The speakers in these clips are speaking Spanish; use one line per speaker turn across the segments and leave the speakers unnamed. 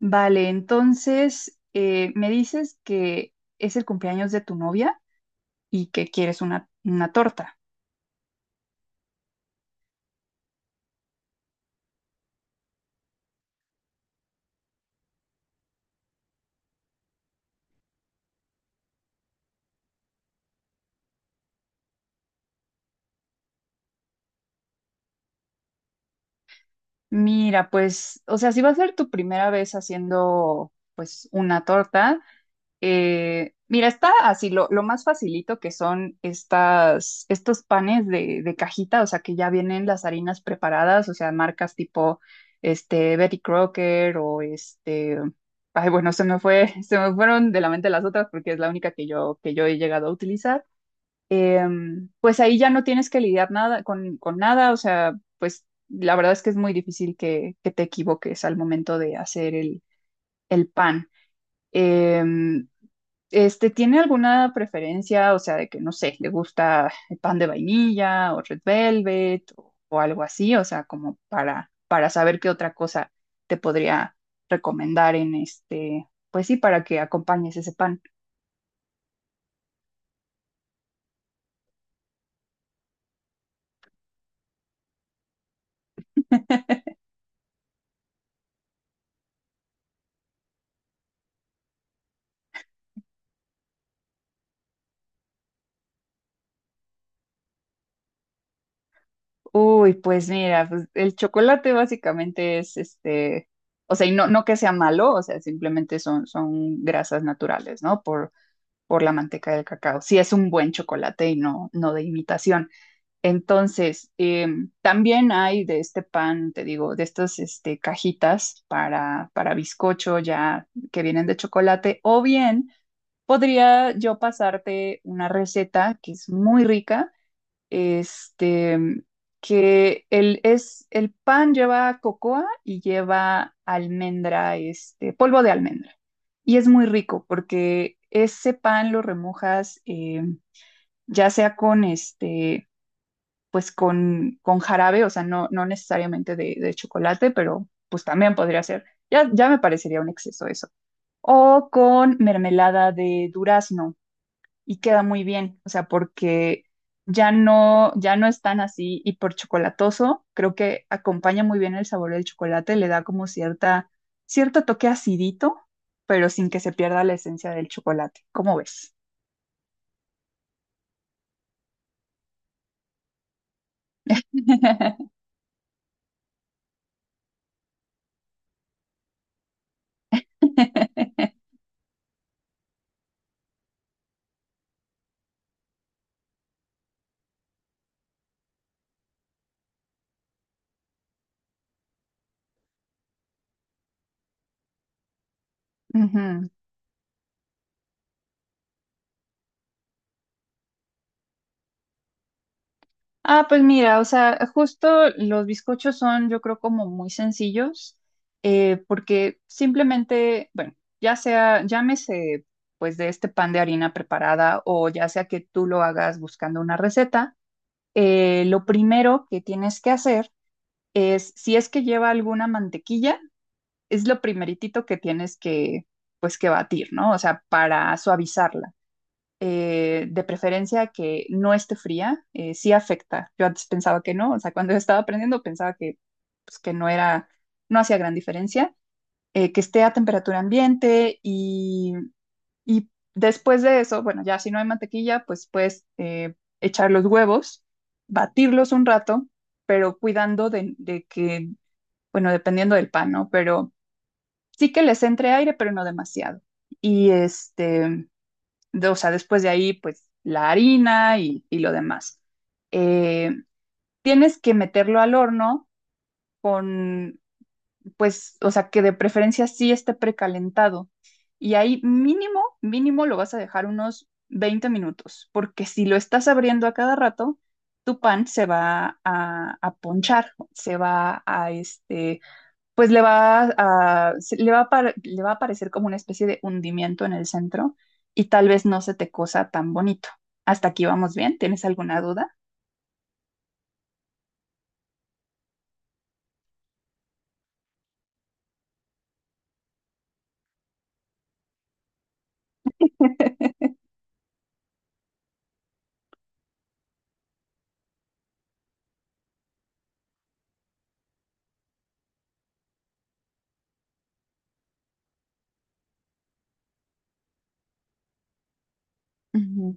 Vale, entonces me dices que es el cumpleaños de tu novia y que quieres una torta. Mira, pues, o sea, si va a ser tu primera vez haciendo pues una torta, mira, está así, lo más facilito que son estos panes de cajita, o sea, que ya vienen las harinas preparadas, o sea, marcas tipo Betty Crocker o bueno, se me fue, se me fueron de la mente las otras porque es la única que yo he llegado a utilizar. Pues ahí ya no tienes que lidiar nada con nada, o sea, pues la verdad es que es muy difícil que te equivoques al momento de hacer el pan. Em, ¿Tiene alguna preferencia? O sea, de que, no sé, le gusta el pan de vainilla o Red Velvet o algo así, o sea, como para saber qué otra cosa te podría recomendar en este, pues sí, para que acompañes ese pan. Uy, pues mira, pues el chocolate básicamente es este, o sea, y no que sea malo, o sea, simplemente son grasas naturales, ¿no? Por la manteca del cacao. Sí es un buen chocolate y no de imitación. Entonces, también hay de este pan, te digo, de estas este, cajitas para bizcocho ya que vienen de chocolate, o bien podría yo pasarte una receta que es muy rica, este, el pan lleva cocoa y lleva almendra, este, polvo de almendra. Y es muy rico porque ese pan lo remojas ya sea con este pues con jarabe, o sea, no necesariamente de chocolate, pero pues también podría ser. Ya me parecería un exceso eso. O con mermelada de durazno y queda muy bien, o sea, porque ya no, ya no es tan así y por chocolatoso, creo que acompaña muy bien el sabor del chocolate, le da como cierto toque acidito, pero sin que se pierda la esencia del chocolate. ¿Cómo ves? Ujú. Ah, pues mira, o sea, justo los bizcochos son, yo creo, como muy sencillos, porque simplemente, bueno, ya sea, llámese, pues de este pan de harina preparada o ya sea que tú lo hagas buscando una receta, lo primero que tienes que hacer es, si es que lleva alguna mantequilla, es lo primeritito que tienes que, pues que batir, ¿no? O sea, para suavizarla de preferencia que no esté fría, sí afecta. Yo antes pensaba que no, o sea, cuando yo estaba aprendiendo pensaba que, pues, que no era, no hacía gran diferencia, que esté a temperatura ambiente y después de eso, bueno, ya si no hay mantequilla, pues puedes echar los huevos, batirlos un rato, pero cuidando de que, bueno, dependiendo del pan, ¿no? Pero sí que les entre aire, pero no demasiado. Y este, o sea, después de ahí, pues la harina y lo demás. Eh, tienes que meterlo al horno con, pues, o sea, que de preferencia sí esté precalentado. Y ahí mínimo lo vas a dejar unos 20 minutos, porque si lo estás abriendo a cada rato, tu pan se va a ponchar, se va a, este, pues le va a, le va a, le va a parecer como una especie de hundimiento en el centro y tal vez no se te cosa tan bonito. Hasta aquí vamos bien. ¿Tienes alguna duda? Ujú.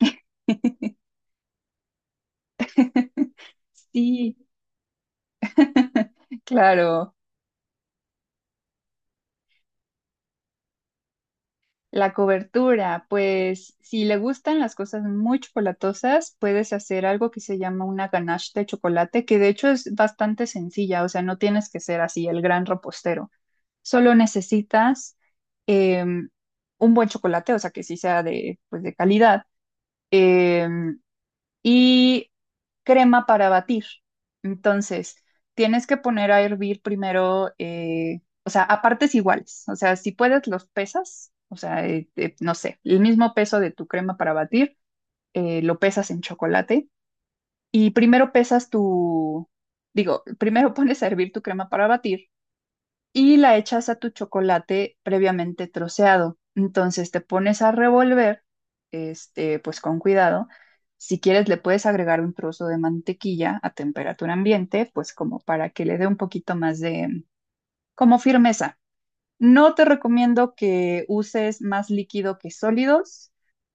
Sí, claro. La cobertura, pues si le gustan las cosas muy chocolatosas, puedes hacer algo que se llama una ganache de chocolate, que de hecho es bastante sencilla, o sea, no tienes que ser así el gran repostero. Solo necesitas em, un buen chocolate, o sea, que sí sea de, pues, de calidad, em, y crema para batir. Entonces, tienes que poner a hervir primero, o sea, a partes iguales. O sea, si puedes, los pesas, o sea, no sé, el mismo peso de tu crema para batir, lo pesas en chocolate. Y primero pesas tu, digo, primero pones a hervir tu crema para batir y la echas a tu chocolate previamente troceado. Entonces te pones a revolver, este, pues con cuidado. Si quieres, le puedes agregar un trozo de mantequilla a temperatura ambiente, pues como para que le dé un poquito más de, como firmeza. No te recomiendo que uses más líquido que sólidos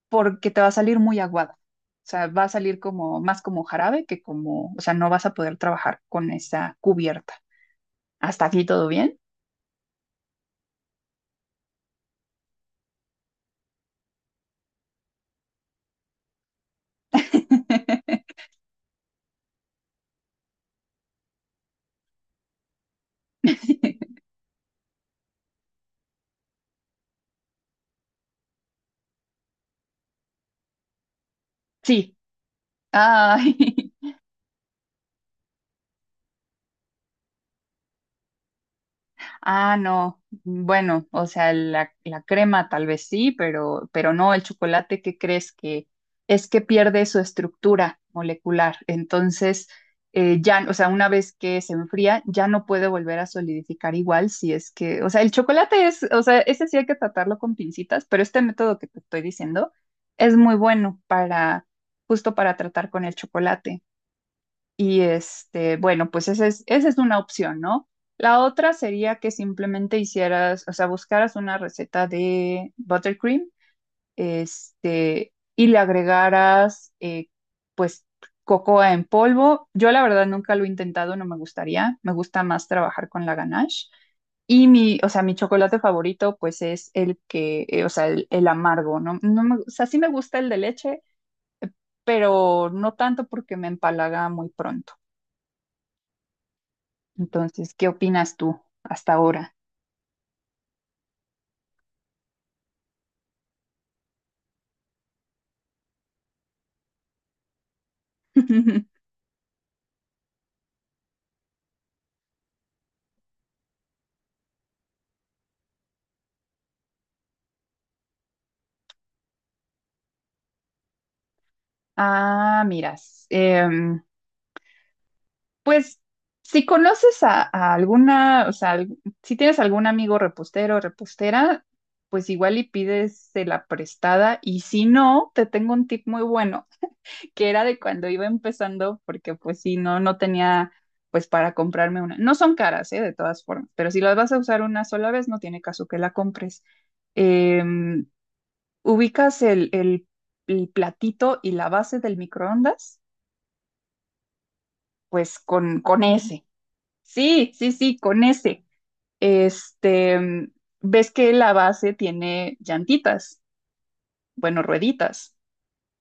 porque te va a salir muy aguada. O sea, va a salir como más como jarabe que como, o sea, no vas a poder trabajar con esa cubierta. Hasta aquí todo bien. Sí. Ay. Ah, no. Bueno, o sea, la crema tal vez sí, pero no, el chocolate, ¿qué crees que es que pierde su estructura molecular? Entonces, ya, o sea, una vez que se enfría, ya no puede volver a solidificar igual si es que, o sea, el chocolate es, o sea, ese sí hay que tratarlo con pincitas, pero este método que te estoy diciendo es muy bueno para, justo para tratar con el chocolate. Y este, bueno, pues esa es una opción, ¿no? La otra sería que simplemente hicieras, o sea, buscaras una receta de buttercream, este, y le agregaras, pues, cocoa en polvo. Yo la verdad nunca lo he intentado, no me gustaría. Me gusta más trabajar con la ganache. Y mi, o sea, mi chocolate favorito, pues es el que, o sea, el amargo, ¿no? O sea, sí me gusta el de leche, pero no tanto porque me empalaga muy pronto. Entonces, ¿qué opinas tú hasta ahora? Ah, miras, em, pues si conoces a alguna, o sea, si tienes algún amigo repostero o repostera, pues igual y pides la prestada y si no, te tengo un tip muy bueno, que era de cuando iba empezando, porque pues si no, no tenía pues para comprarme una. No son caras, ¿eh? De todas formas, pero si las vas a usar una sola vez, no tiene caso que la compres. Em, ubicas el platito y la base del microondas, pues con ese. Sí, sí, sí, con ese. Este, mm, ves que la base tiene llantitas, bueno, rueditas.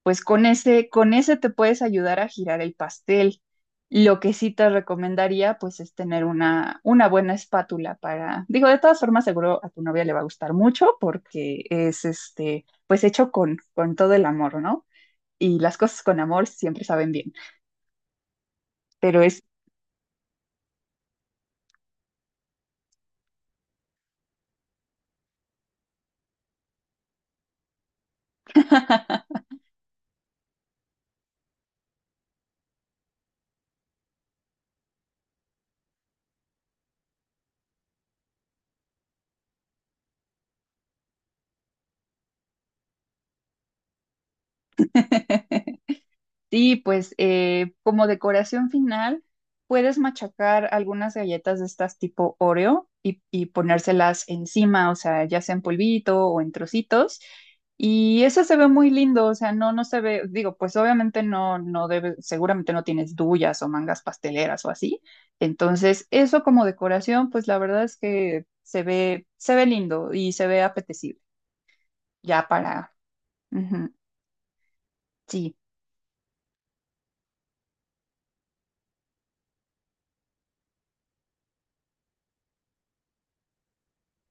Pues con ese te puedes ayudar a girar el pastel. Lo que sí te recomendaría, pues, es tener una buena espátula para, digo, de todas formas, seguro a tu novia le va a gustar mucho porque es este, pues hecho con todo el amor, ¿no? Y las cosas con amor siempre saben bien, pero es... sí, pues como decoración final, puedes machacar algunas galletas de estas tipo Oreo y ponérselas encima, o sea, ya sea en polvito o en trocitos. Y eso se ve muy lindo, o sea, no se ve, digo, pues obviamente no debe, seguramente no tienes duyas o mangas pasteleras o así. Entonces, eso como decoración, pues la verdad es que se ve lindo y se ve apetecible. Ya para... ujú, sí,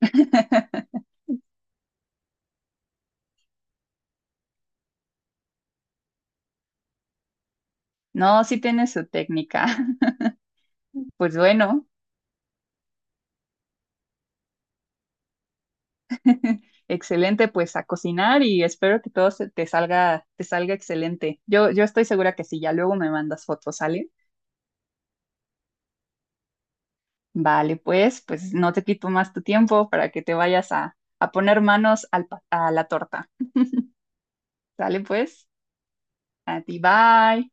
no, sí tiene su técnica. Pues bueno, excelente, pues a cocinar y espero que todo te salga excelente. Yo estoy segura que sí, ya luego me mandas fotos, ¿sale? Vale, pues, pues no te quito más tu tiempo para que te vayas a poner manos al a la torta. Sale pues, a ti, bye.